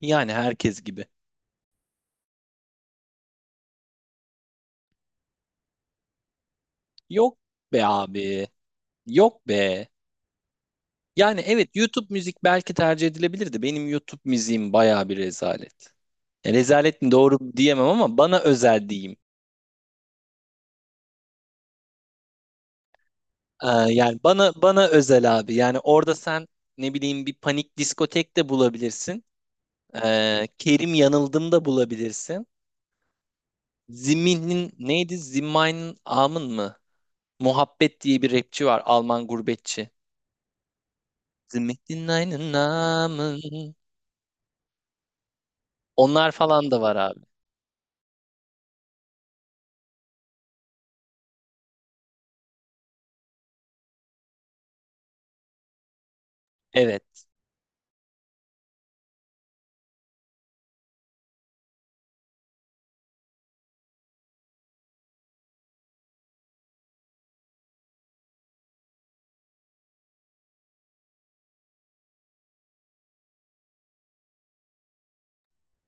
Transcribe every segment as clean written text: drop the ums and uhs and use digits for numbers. Yani herkes gibi. Yok be abi. Yok be. Yani evet YouTube müzik belki tercih edilebilirdi. Benim YouTube müziğim baya bir rezalet. E, rezalet mi doğru mu diyemem ama bana özel diyeyim. Ee, yani bana özel abi. Yani orada sen ne bileyim bir panik diskotek de bulabilirsin. Kerim Yanıldım da bulabilirsin. Zimin'in neydi? Zimmein'in Amın mı? Muhabbet diye bir rapçi var. Alman gurbetçi. Zimin'in Amın. Onlar falan da var abi. Evet.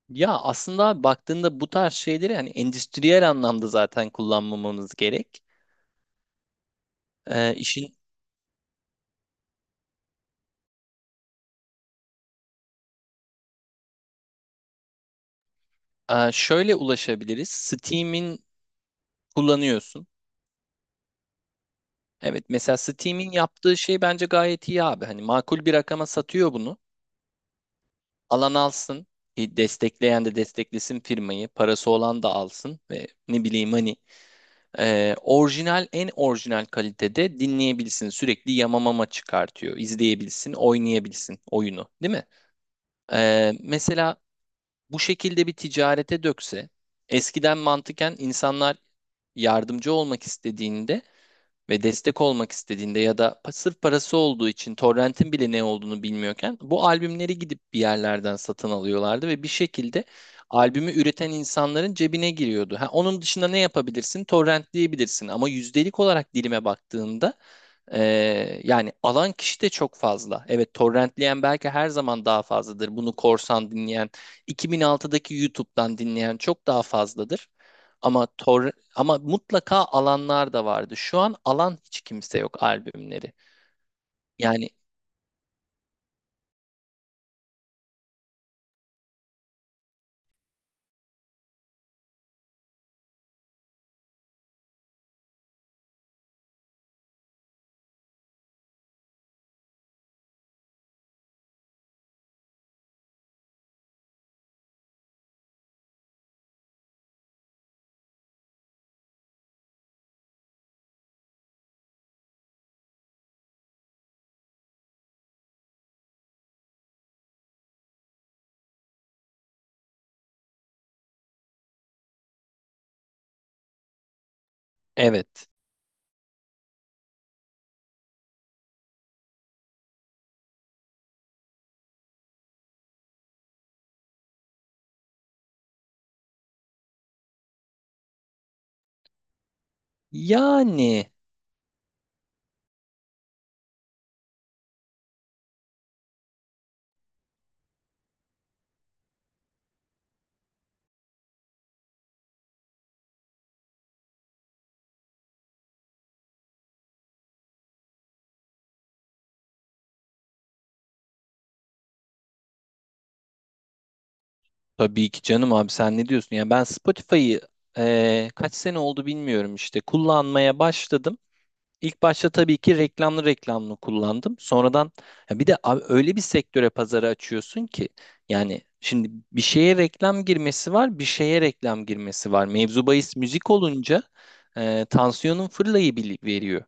Ya aslında abi baktığında bu tarz şeyleri hani endüstriyel anlamda zaten kullanmamamız gerek. Ee, işin şöyle ulaşabiliriz. Steam'in kullanıyorsun. Evet mesela Steam'in yaptığı şey bence gayet iyi abi. Hani makul bir rakama satıyor bunu. Alan alsın. Destekleyen de desteklesin firmayı. Parası olan da alsın ve ne bileyim hani orijinal en orijinal kalitede dinleyebilsin. Sürekli yamamama çıkartıyor. İzleyebilsin, oynayabilsin oyunu, değil mi? Mesela bu şekilde bir ticarete dökse eskiden mantıken insanlar yardımcı olmak istediğinde ve destek olmak istediğinde ya da sırf parası olduğu için torrentin bile ne olduğunu bilmiyorken bu albümleri gidip bir yerlerden satın alıyorlardı ve bir şekilde albümü üreten insanların cebine giriyordu. Ha, onun dışında ne yapabilirsin? Torrentleyebilirsin ama yüzdelik olarak dilime baktığında yani alan kişi de çok fazla. Evet, torrentleyen belki her zaman daha fazladır. Bunu korsan dinleyen, 2006'daki YouTube'dan dinleyen çok daha fazladır. Ama mutlaka alanlar da vardı. Şu an alan hiç kimse yok albümleri. Yani evet. Yani tabii ki canım abi, sen ne diyorsun? Ya ben Spotify'ı kaç sene oldu bilmiyorum işte kullanmaya başladım. İlk başta tabii ki reklamlı reklamlı kullandım. Sonradan ya bir de abi öyle bir sektöre pazarı açıyorsun ki yani şimdi bir şeye reklam girmesi var, bir şeye reklam girmesi var. Mevzu bahis müzik olunca tansiyonun fırlayı veriyor.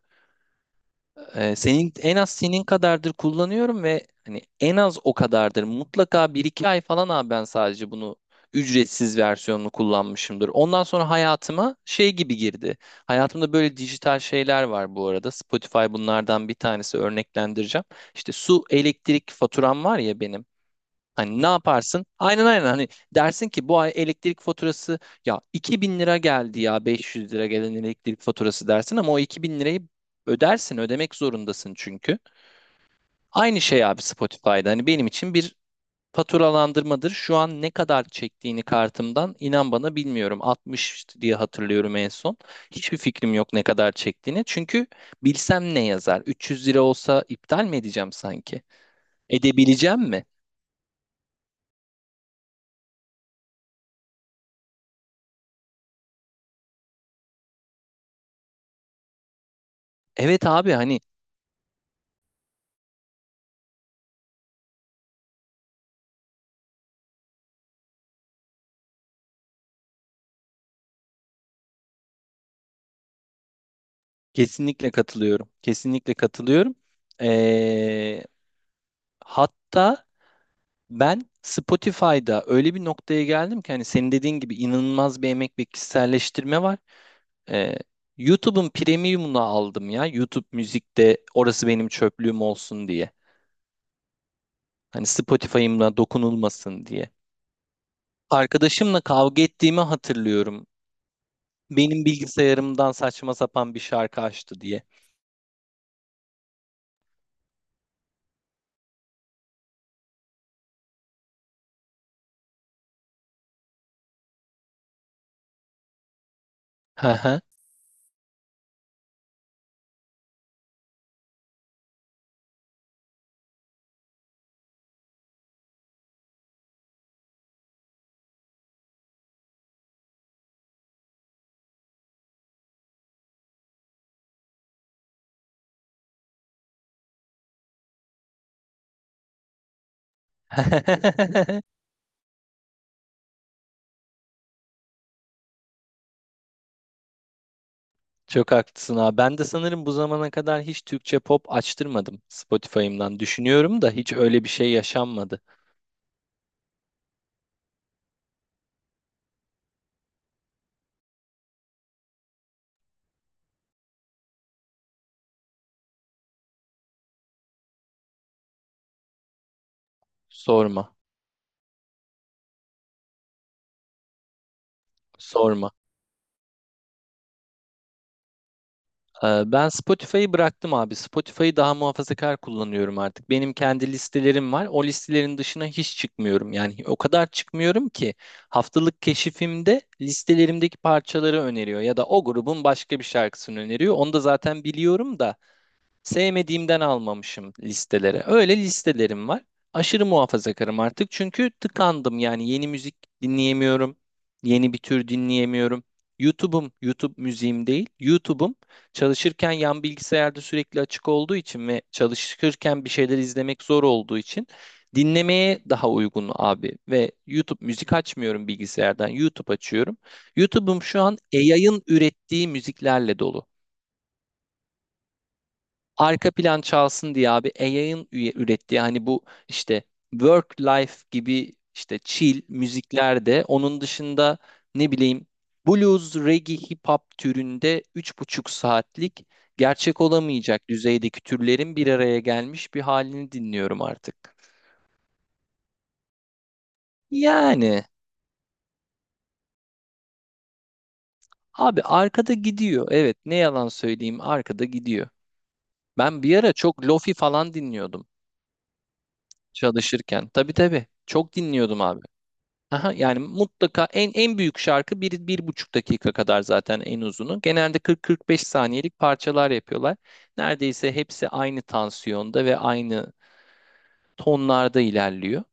Senin en az senin kadardır kullanıyorum ve hani en az o kadardır. Mutlaka bir iki ay falan abi ben sadece bunu ücretsiz versiyonunu kullanmışımdır. Ondan sonra hayatıma şey gibi girdi. Hayatımda böyle dijital şeyler var bu arada. Spotify bunlardan bir tanesi, örneklendireceğim. İşte su, elektrik faturam var ya benim. Hani ne yaparsın? Aynen aynen, hani dersin ki bu ay elektrik faturası ya 2.000 lira geldi ya 500 lira gelen elektrik faturası dersin ama o 2.000 lirayı ödersin, ödemek zorundasın çünkü. Aynı şey abi Spotify'da, hani benim için bir faturalandırmadır. Şu an ne kadar çektiğini kartımdan inan bana bilmiyorum, 60 diye hatırlıyorum en son. Hiçbir fikrim yok ne kadar çektiğini çünkü bilsem ne yazar, 300 lira olsa iptal mi edeceğim sanki? Edebileceğim mi? Evet abi, hani. Kesinlikle katılıyorum. Kesinlikle katılıyorum. Ee, Hatta ben Spotify'da öyle bir noktaya geldim ki hani senin dediğin gibi inanılmaz bir emek ve kişiselleştirme var. Ee, YouTube'un premium'unu aldım ya. YouTube müzikte orası benim çöplüğüm olsun diye. Hani Spotify'ımla dokunulmasın diye. Arkadaşımla kavga ettiğimi hatırlıyorum. Benim bilgisayarımdan saçma sapan bir şarkı açtı diye. Hı hı. Çok haklısın abi. Ben de sanırım bu zamana kadar hiç Türkçe pop açtırmadım Spotify'ımdan. Düşünüyorum da hiç öyle bir şey yaşanmadı. Sorma, sorma. Ben Spotify'ı bıraktım abi. Spotify'ı daha muhafazakar kullanıyorum artık. Benim kendi listelerim var. O listelerin dışına hiç çıkmıyorum. Yani o kadar çıkmıyorum ki haftalık keşifimde listelerimdeki parçaları öneriyor ya da o grubun başka bir şarkısını öneriyor. Onu da zaten biliyorum da. Sevmediğimden almamışım listelere. Öyle listelerim var. Aşırı muhafazakarım artık çünkü tıkandım, yani yeni müzik dinleyemiyorum. Yeni bir tür dinleyemiyorum. YouTube'um, YouTube müziğim değil. YouTube'um çalışırken yan bilgisayarda sürekli açık olduğu için ve çalışırken bir şeyler izlemek zor olduğu için dinlemeye daha uygun abi. Ve YouTube müzik açmıyorum bilgisayardan, YouTube açıyorum. YouTube'um şu an yayın ürettiği müziklerle dolu, arka plan çalsın diye abi. AI'ın ürettiği hani bu işte work life gibi işte chill müzikler, de onun dışında ne bileyim blues, reggae, hip hop türünde 3,5 saatlik gerçek olamayacak düzeydeki türlerin bir araya gelmiş bir halini dinliyorum artık. Yani abi arkada gidiyor. Evet, ne yalan söyleyeyim, arkada gidiyor. Ben bir ara çok lofi falan dinliyordum çalışırken. Tabii tabii çok dinliyordum abi. Aha, yani mutlaka en büyük şarkı bir, bir buçuk dakika kadar zaten en uzunu. Genelde 40-45 saniyelik parçalar yapıyorlar. Neredeyse hepsi aynı tansiyonda ve aynı tonlarda ilerliyor.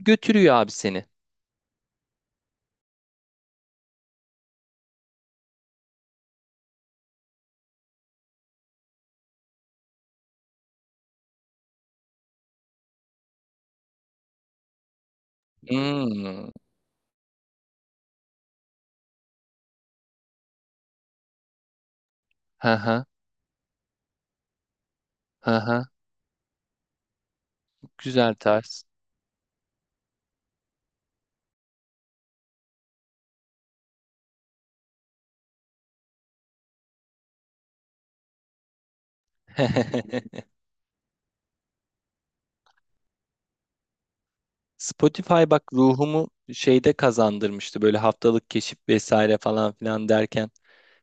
Götürüyor abi seni. Hmm. Aha, aha. Güzel tarz. Spotify bak ruhumu şeyde kazandırmıştı, böyle haftalık keşif vesaire falan filan derken.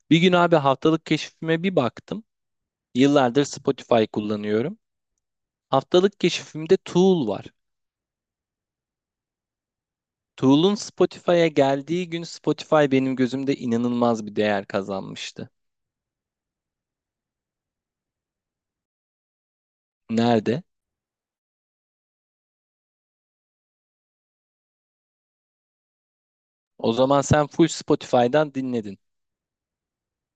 Bir gün abi haftalık keşfime bir baktım. Yıllardır Spotify kullanıyorum. Haftalık keşifimde Tool var. Tool'un Spotify'a geldiği gün Spotify benim gözümde inanılmaz bir değer kazanmıştı. Nerede? O zaman sen full Spotify'dan dinledin.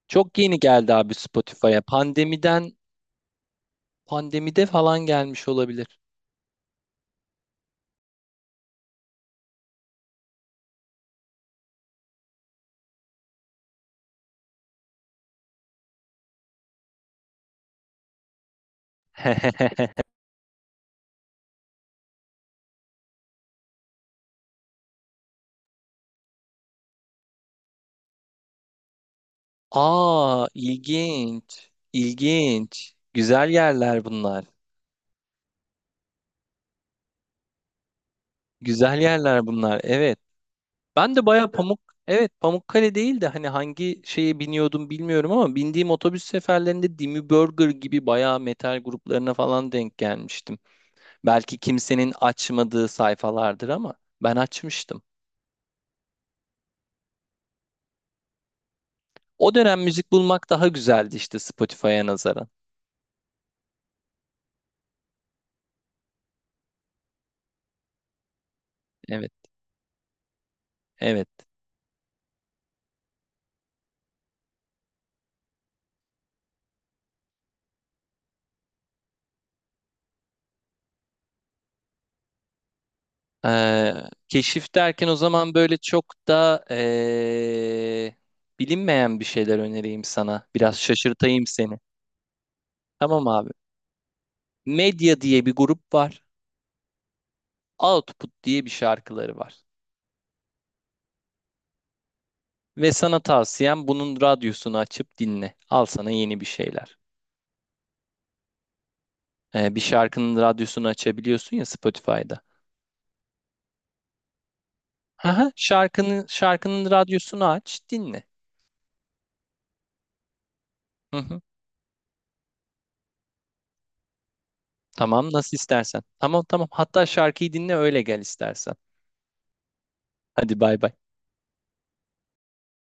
Çok yeni geldi abi Spotify'a. Pandemiden, pandemide falan gelmiş olabilir. Aa, ilginç. İlginç. Güzel yerler bunlar. Güzel yerler bunlar. Evet. Ben de baya evet, Pamukkale değil de hani hangi şeye biniyordum bilmiyorum ama bindiğim otobüs seferlerinde Dimi Burger gibi baya metal gruplarına falan denk gelmiştim. Belki kimsenin açmadığı sayfalardır ama ben açmıştım. O dönem müzik bulmak daha güzeldi işte Spotify'a nazaran. Evet, evet. Ee, Keşif derken o zaman böyle çok da bilinmeyen bir şeyler önereyim sana. Biraz şaşırtayım seni. Tamam abi. Medya diye bir grup var. Output diye bir şarkıları var. Ve sana tavsiyem bunun radyosunu açıp dinle. Al sana yeni bir şeyler. Bir şarkının radyosunu açabiliyorsun ya Spotify'da. Aha, şarkının radyosunu aç, dinle. Hı hı. Tamam, nasıl istersen. Tamam tamam. Hatta şarkıyı dinle öyle gel istersen. Hadi bay bay.